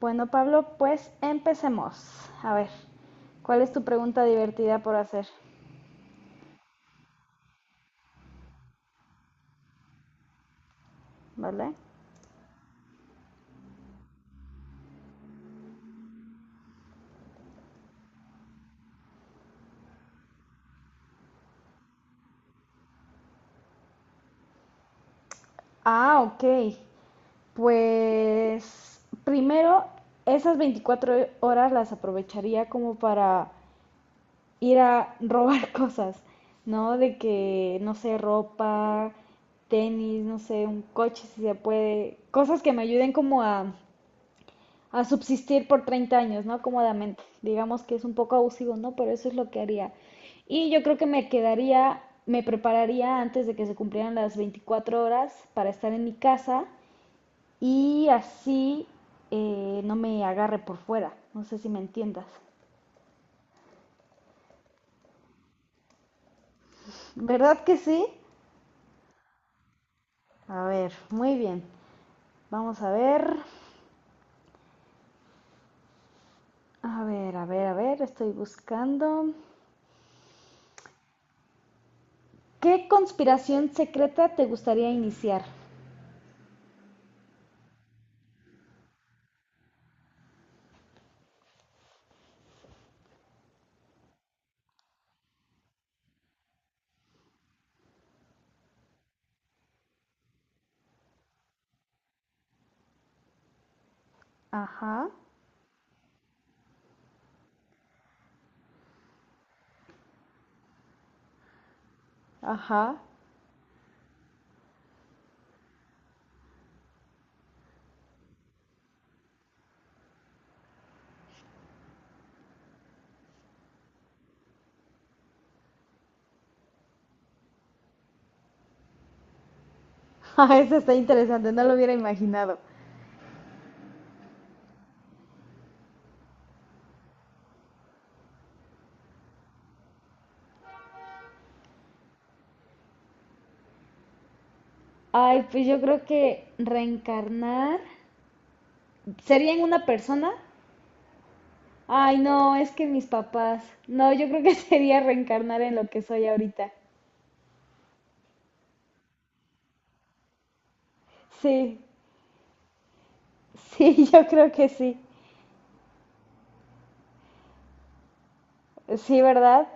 Bueno, Pablo, pues empecemos. A ver, ¿cuál es tu pregunta divertida por hacer? ¿Vale? Ah, ok. Pues primero, esas 24 horas las aprovecharía como para ir a robar cosas, ¿no? De que, no sé, ropa, tenis, no sé, un coche si se puede, cosas que me ayuden como a subsistir por 30 años, ¿no? Cómodamente. Digamos que es un poco abusivo, ¿no? Pero eso es lo que haría. Y yo creo que me quedaría, me prepararía antes de que se cumplieran las 24 horas para estar en mi casa y así no me agarre por fuera. No sé si me entiendas. ¿Verdad que sí? A ver, muy bien. Vamos a ver. A ver, a ver, a ver, estoy buscando. ¿Qué conspiración secreta te gustaría iniciar? Ajá. Ajá. Ah, eso está interesante, no lo hubiera imaginado. Ay, pues yo creo que reencarnar sería en una persona. Ay, no, es que mis papás. No, yo creo que sería reencarnar en lo que soy ahorita. Sí, sí, yo creo que sí. Sí, ¿verdad?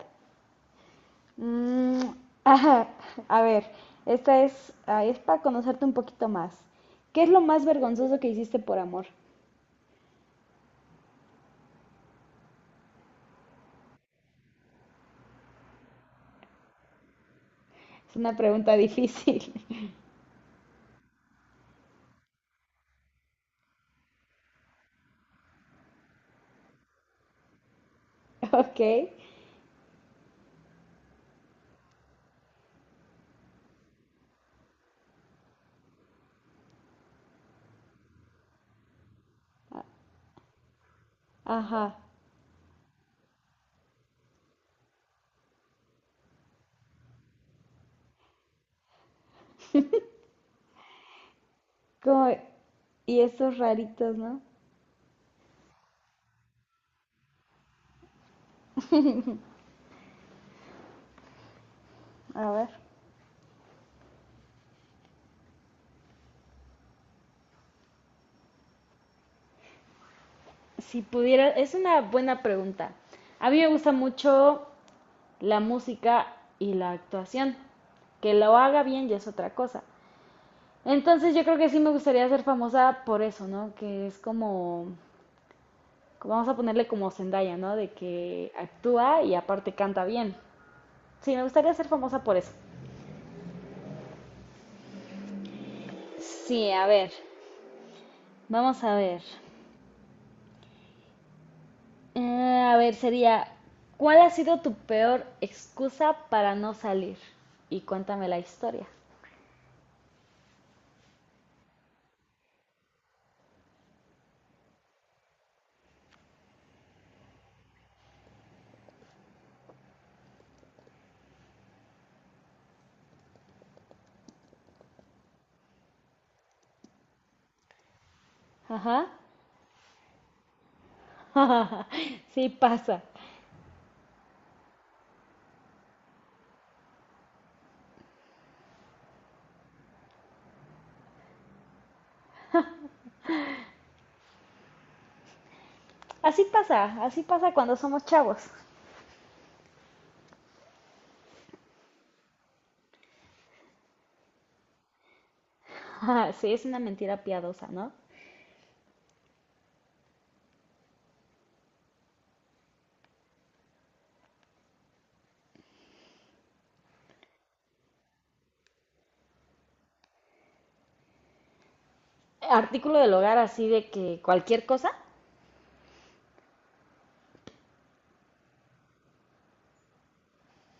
Mm, ajá. A ver, esta es, ah, es para conocerte un poquito más. ¿Qué es lo más vergonzoso que hiciste por amor? Es una pregunta difícil. Ok. Ajá. Como- y esos raritos, ¿no? A ver. Si pudiera, es una buena pregunta. A mí me gusta mucho la música y la actuación. Que lo haga bien ya es otra cosa. Entonces yo creo que sí me gustaría ser famosa por eso, ¿no? Que es como, vamos a ponerle como Zendaya, ¿no? De que actúa y aparte canta bien. Sí, me gustaría ser famosa por eso. Sí, a ver. Vamos a ver. Ah, a ver, sería, ¿cuál ha sido tu peor excusa para no salir? Y cuéntame la historia. Ajá. Sí pasa. Así pasa, así pasa cuando somos chavos. Sí, es una mentira piadosa, ¿no? Artículo del hogar así de que cualquier cosa.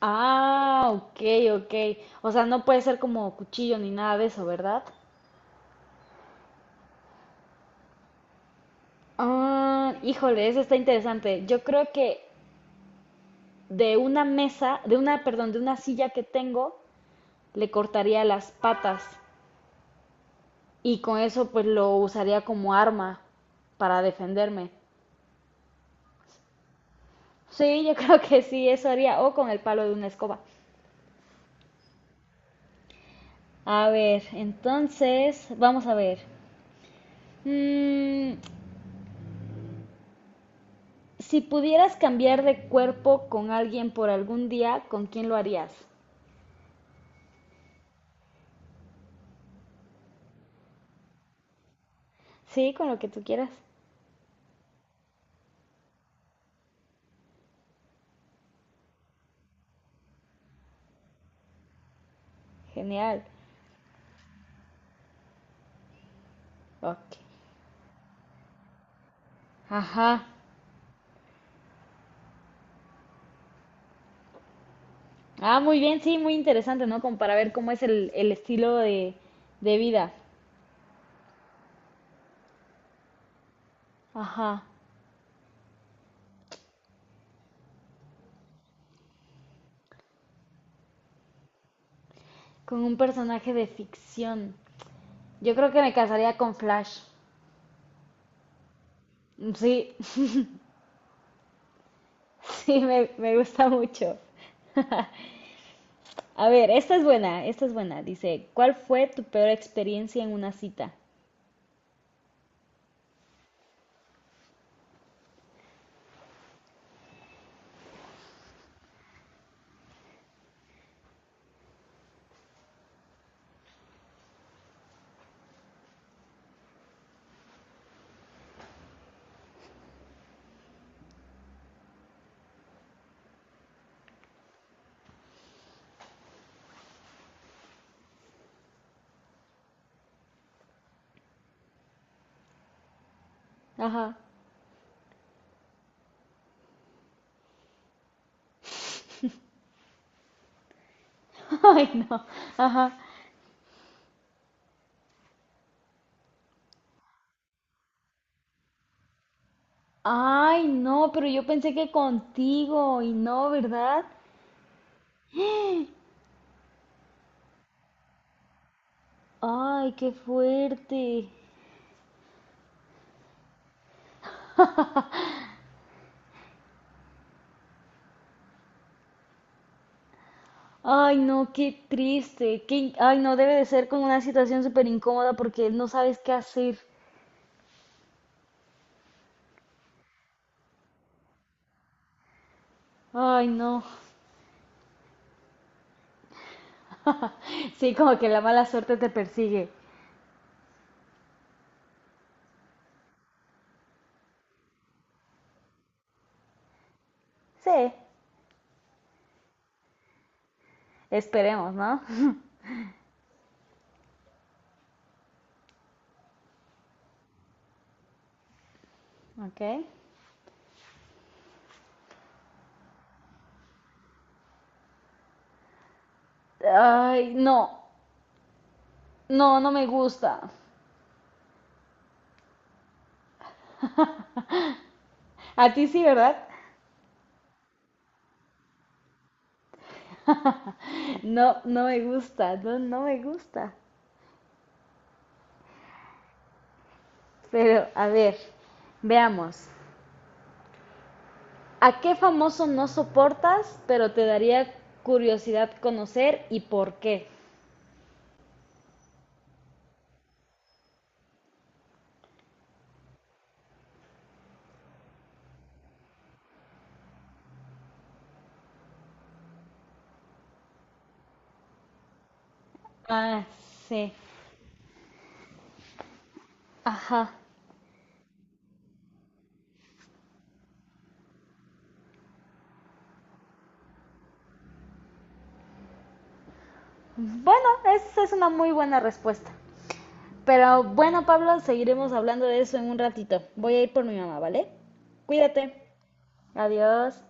Ah, ok, ok. O sea, no puede ser como cuchillo ni nada de eso, ¿verdad? Ah, híjole, eso está interesante. Yo creo que de una mesa, de una, perdón, de una silla que tengo, le cortaría las patas y con eso pues lo usaría como arma para defenderme. Sí, yo creo que sí, eso haría, o con el palo de una escoba. A ver, entonces, vamos a ver. Mm, si pudieras cambiar de cuerpo con alguien por algún día, ¿con quién lo harías? Sí, con lo que tú quieras. Genial. Ok. Ajá. Ah, muy bien, sí, muy interesante, ¿no? Como para ver cómo es el estilo de vida. Ajá, con un personaje de ficción. Yo creo que me casaría con Flash. Sí, sí, me gusta mucho. A ver, esta es buena, esta es buena. Dice, ¿cuál fue tu peor experiencia en una cita? Ajá. Ay, no. Ajá. Ay, no, pero yo pensé que contigo y no, ¿verdad? Ay, qué fuerte. Ay, no, qué triste. Qué... Ay, no, debe de ser como una situación súper incómoda porque no sabes qué hacer. Ay, no. Sí, como que la mala suerte te persigue. Sí, esperemos, ¿no? Ok. Ay, no, no, no me gusta. A ti sí, ¿verdad? No, no me gusta, no, no me gusta. Pero, a ver, veamos. ¿A qué famoso no soportas, pero te daría curiosidad conocer y por qué? Ah, sí. Ajá. Bueno, esa es una muy buena respuesta. Pero bueno, Pablo, seguiremos hablando de eso en un ratito. Voy a ir por mi mamá, ¿vale? Cuídate. Adiós.